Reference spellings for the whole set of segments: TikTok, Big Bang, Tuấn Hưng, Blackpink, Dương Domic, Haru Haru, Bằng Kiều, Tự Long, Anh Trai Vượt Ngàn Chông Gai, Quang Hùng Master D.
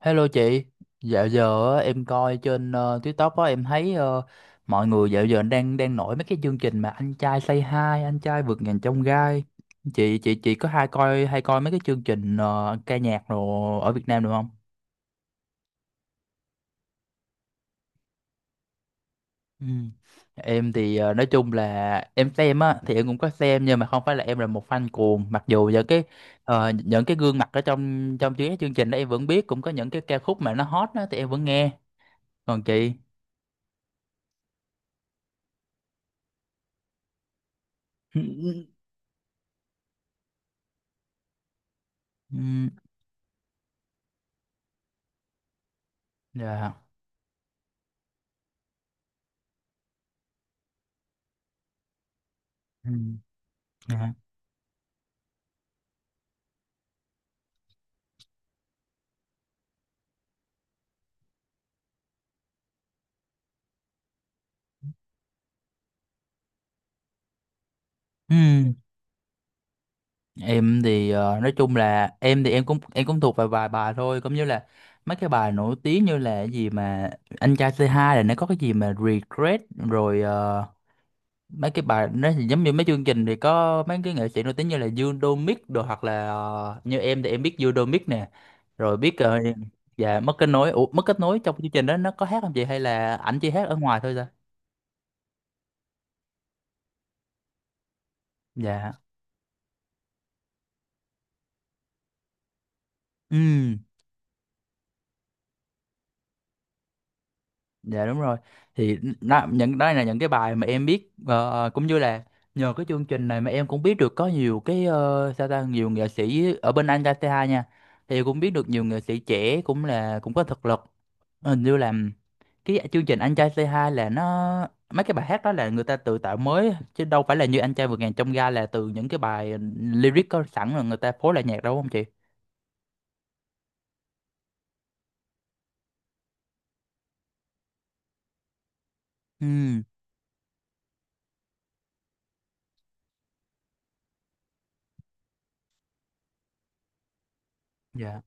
Hello chị, dạo giờ á, em coi trên TikTok á em thấy mọi người dạo giờ đang đang nổi mấy cái chương trình mà anh trai Say Hi, anh trai vượt ngàn chông gai. Chị có hay coi mấy cái chương trình ca nhạc rồi ở Việt Nam được không? Ừ. Em thì nói chung là em xem á thì em cũng có xem nhưng mà không phải là em là một fan cuồng mặc dù những cái những cái gương mặt ở trong trong chuyến chương trình đó em vẫn biết cũng có những cái ca khúc mà nó hot đó thì em vẫn nghe còn chị. Ừ. Ừ. Dạ. Ừ. Dạ. Ừ. Em thì nói chung là em thì em cũng thuộc vài vài bài thôi cũng như là mấy cái bài nổi tiếng như là cái gì mà anh trai c hai là nó có cái gì mà regret rồi mấy cái bài nó thì giống như mấy chương trình thì có mấy cái nghệ sĩ nổi tiếng như là Dương Domic đồ hoặc là như em thì em biết Dương Domic nè rồi biết dạ mất kết nối. Ủa, mất kết nối trong chương trình đó nó có hát không chị hay là ảnh chỉ hát ở ngoài thôi ra? Dạ. Ừ. Dạ đúng rồi. Thì nó, những đó là những cái bài mà em biết cũng như là nhờ cái chương trình này mà em cũng biết được có nhiều cái sao ta nhiều nghệ sĩ ở bên Anh ca tê hai nha. Thì cũng biết được nhiều nghệ sĩ trẻ cũng là cũng có thực lực. Hình như là cái chương trình Anh trai C2 là nó mấy cái bài hát đó là người ta tự tạo mới chứ đâu phải là như Anh trai vượt ngàn chông gai là từ những cái bài lyric có sẵn rồi người ta phối lại nhạc đâu đúng không chị? Ừ, dạ.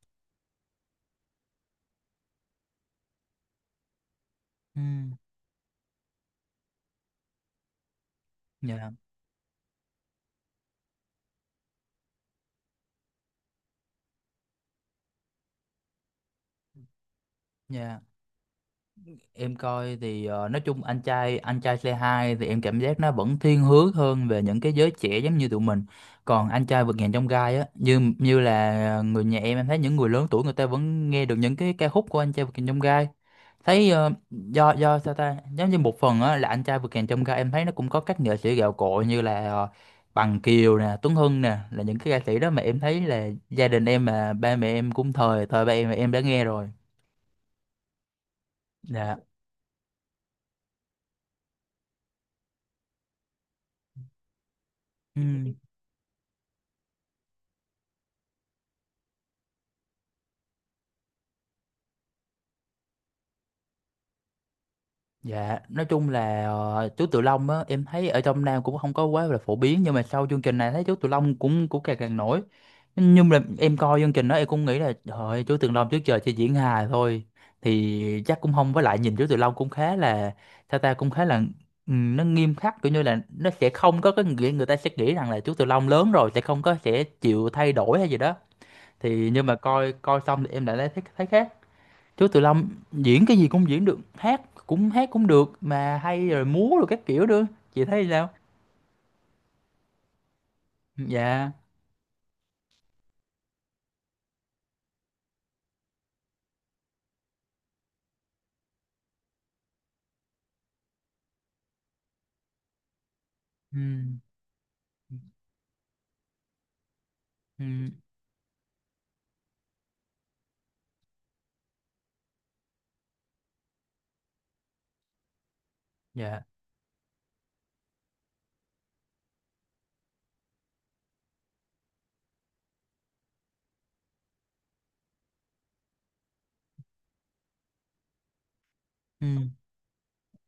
Ừ, dạ. Dạ. Em coi thì nói chung anh trai Say Hi thì em cảm giác nó vẫn thiên hướng hơn về những cái giới trẻ giống như tụi mình. Còn anh trai vượt ngàn chông gai á, như như là người nhà em thấy những người lớn tuổi người ta vẫn nghe được những cái ca khúc của anh trai vượt ngàn chông gai. Thấy do sao ta, giống như một phần á là anh trai vượt ngàn chông gai em thấy nó cũng có các nghệ sĩ gạo cội như là Bằng Kiều nè, Tuấn Hưng nè, là những cái ca sĩ đó mà em thấy là gia đình em mà ba mẹ em cũng thời thời ba em đã nghe rồi. Dạ. Ừ. Dạ, nói chung là chú Tự Long á, em thấy ở trong Nam cũng không có quá là phổ biến nhưng mà sau chương trình này thấy chú Tự Long cũng cũng càng càng nổi. Nhưng mà em coi chương trình đó em cũng nghĩ là trời ơi, chú Tự Long trước giờ chỉ diễn hài thôi thì chắc cũng không với lại nhìn chú Tự Long cũng khá là sao ta cũng khá là nó nghiêm khắc kiểu như là nó sẽ không có cái nghĩa người ta sẽ nghĩ rằng là chú Tự Long lớn rồi sẽ không có sẽ chịu thay đổi hay gì đó. Thì nhưng mà coi coi xong thì em lại thấy thấy khác. Chú Tự Long diễn cái gì cũng diễn được, hát cũng được mà hay rồi múa rồi các kiểu nữa. Chị thấy sao? Dạ. Ừ. Ừ. Dạ. Ừ.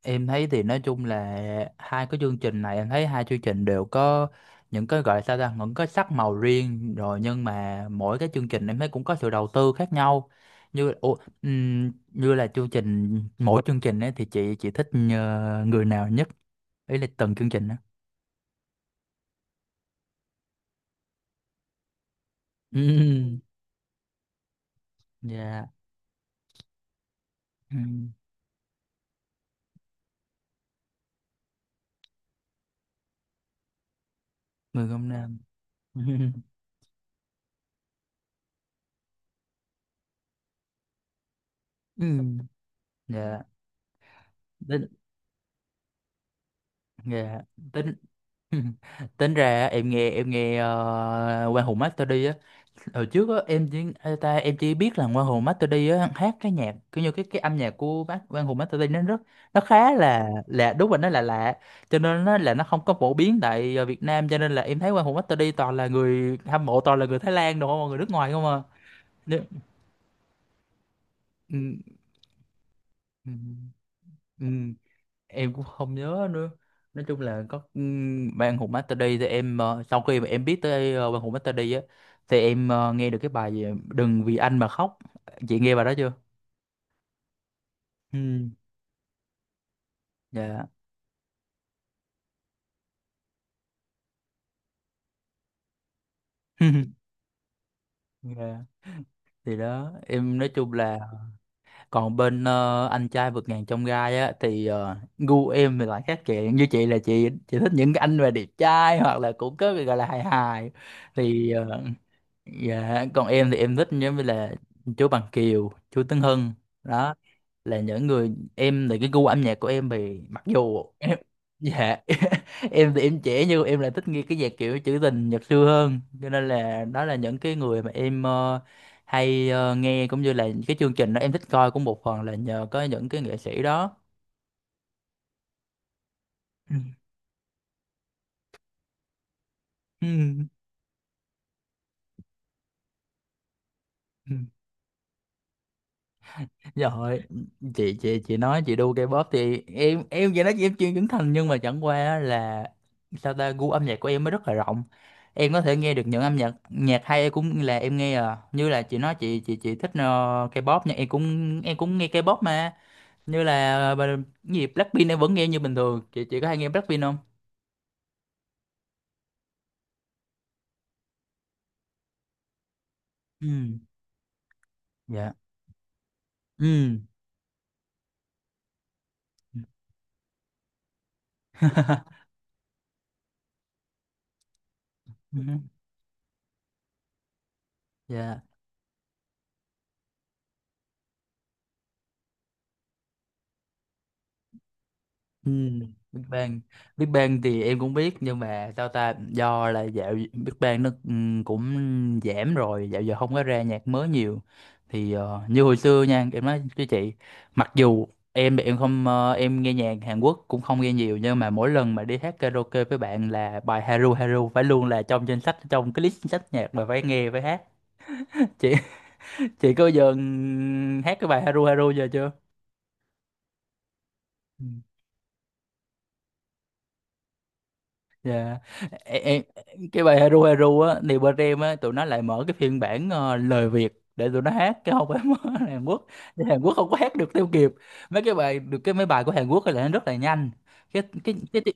Em thấy thì nói chung là hai cái chương trình này em thấy hai chương trình đều có những cái gọi là sao ta những cái sắc màu riêng rồi nhưng mà mỗi cái chương trình em thấy cũng có sự đầu tư khác nhau như ủa, như là chương trình mỗi chương trình ấy thì chị thích người nào nhất ý là từng chương trình đó. Ừm. Dạ. Ừ. Mười không năm. Ừ. Dạ. Tính. Dạ. Tính. Tính ra em nghe Quang Hùng Master đi á hồi trước á em chỉ ê, ta em chỉ biết là Quang Hùng Master đi á hát cái nhạc kiểu như cái âm nhạc của bác Quang Hùng Master đi nó rất nó khá là đúng rồi nó là lạ cho nên nó là nó không có phổ biến tại Việt Nam cho nên là em thấy Quang Hùng Master đi toàn là người hâm mộ toàn là người Thái Lan đúng không à, người nước ngoài không à. Nếu- ừ, ừ, ừ. Ừ. Em cũng không nhớ nữa. Nói chung là có ban hùng master đi thì em sau khi mà em biết tới ban hùng master đi á thì em nghe được cái bài gì, đừng vì anh mà khóc. Chị nghe bài đó chưa? Ừm. Dạ. Dạ. Thì đó em nói chung là còn bên anh trai vượt ngàn chông gai á thì gu em thì lại khác chị như chị là chị thích những cái anh mà đẹp trai hoặc là cũng có cái gọi là hài hài thì ờ. Dạ, còn em thì em thích giống như là chú Bằng Kiều, chú Tấn Hưng đó là những người em thì cái gu âm nhạc của em thì mặc dù em dạ. Em thì em trẻ nhưng em lại thích nghe cái nhạc kiểu trữ tình Nhật xưa hơn cho nên là đó là những cái người mà em hay nghe cũng như là những cái chương trình đó em thích coi cũng một phần là nhờ có những cái nghệ sĩ đó. Ừ. Ừ. Rồi, chị nói chị đu K-pop thì em vậy nói chị em chuyên trưởng thành nhưng mà chẳng qua á là sao ta gu âm nhạc của em nó rất là rộng. Em có thể nghe được những âm nhạc nhạc hay em cũng là em nghe à. Như là chị nói chị thích K-pop nhưng em cũng nghe K-pop mà. Như là bà- cái gì Blackpink em vẫn nghe như bình thường. Chị có hay nghe Blackpink không? Ừ. Dạ. Ừ. Dạ. Ừ, Big Bang. Big Bang thì em cũng biết nhưng mà sao ta do là dạo Big Bang nó cũng giảm rồi dạo giờ không có ra nhạc mới nhiều thì như hồi xưa nha em nói với chị mặc dù em thì em không em nghe nhạc Hàn Quốc cũng không nghe nhiều nhưng mà mỗi lần mà đi hát karaoke với bạn là bài Haru Haru phải luôn là trong danh sách trong cái list sách nhạc mà phải nghe phải hát. chị chị có bao giờ hát cái bài Haru Haru giờ chưa? Dạ. Ê, ê, cái bài Heru Heru á thì bên em á tụi nó lại mở cái phiên bản lời Việt để tụi nó hát cái không phải mở Hàn Quốc thì Hàn Quốc không có hát được theo kịp mấy cái bài được cái mấy bài của Hàn Quốc thì là nó rất là nhanh cái...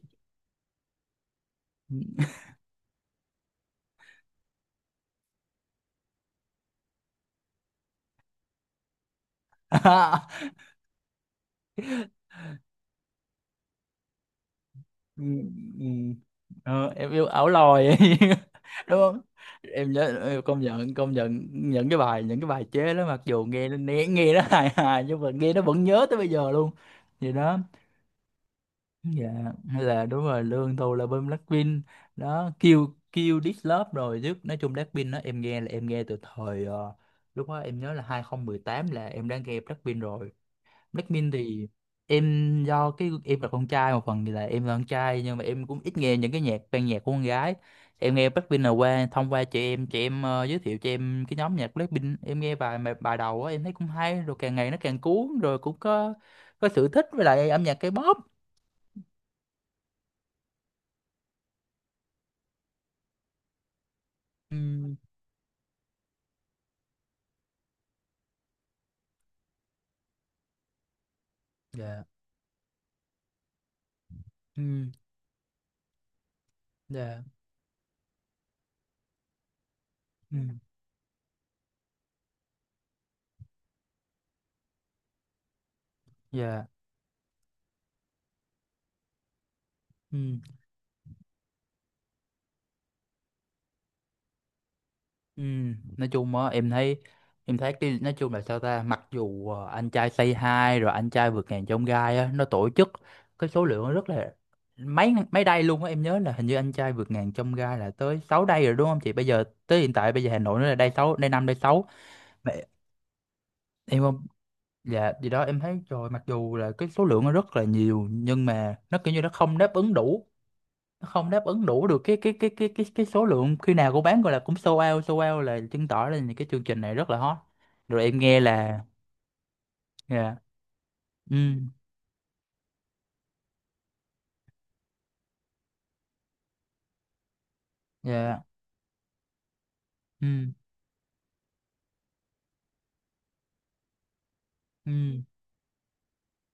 Ừ, ừ. Ờ, em yêu ảo lòi đúng không? Em nhớ em công nhận những cái bài chế đó mặc dù nghe nghe nghe nó hài hài nhưng mà nghe nó vẫn nhớ tới bây giờ luôn vậy đó. Dạ. Hay là đúng rồi lương tôi là bên Blackpink đó kêu kêu Love rồi chứ nói chung Blackpink đó em nghe là em nghe từ thời lúc đó em nhớ là 2018 là em đã nghe Blackpink rồi. Blackpink thì em do cái em là con trai một phần thì là em là con trai nhưng mà em cũng ít nghe những cái nhạc ban nhạc của con gái. Em nghe Blackpink là qua thông qua chị em giới thiệu cho em cái nhóm nhạc Blackpink em nghe bài bài bài đầu á em thấy cũng hay rồi càng ngày nó càng cuốn rồi cũng có sự thích với lại âm nhạc K-pop. Ừ, dạ. Ừ, dạ. Ừ, dạ. Ừ, ừ. Nói chung á em thấy cái nói chung là sao ta mặc dù anh trai Say Hi rồi anh trai vượt ngàn chông gai á nó tổ chức cái số lượng nó rất là mấy mấy đây luôn á em nhớ là hình như anh trai vượt ngàn chông gai là tới 6 đây rồi đúng không chị bây giờ tới hiện tại bây giờ Hà Nội nó là đây 6 đây 5 đây 6 mà em không. Dạ gì đó em thấy rồi mặc dù là cái số lượng nó rất là nhiều nhưng mà nó kiểu như nó không đáp ứng đủ. Nó không đáp ứng đủ được cái số lượng khi nào cô bán gọi là cũng sold out là chứng tỏ là cái chương trình này rất là hot rồi em nghe là. Dạ. Ừ. Dạ. Ừ. Ừ.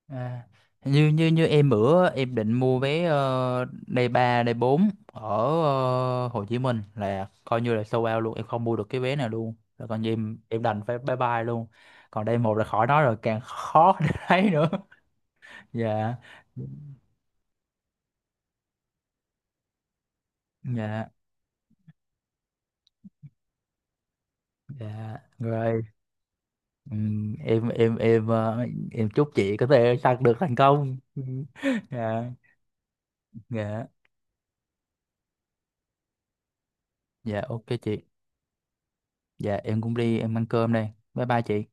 À. như như như em bữa em định mua vé day 3 day 4 ở Hồ Chí Minh là coi như là sold out luôn em không mua được cái vé nào luôn là coi như em đành phải bye bye luôn. Còn day một là khỏi nói rồi càng khó để thấy nữa. Dạ. Dạ. Dạ rồi. Ừ, em em em ờ, em chúc chị có thể đạt được thành công. Ừ. Dạ. Dạ. Dạ ok chị. Dạ em cũng đi em ăn cơm đây. Bye bye chị.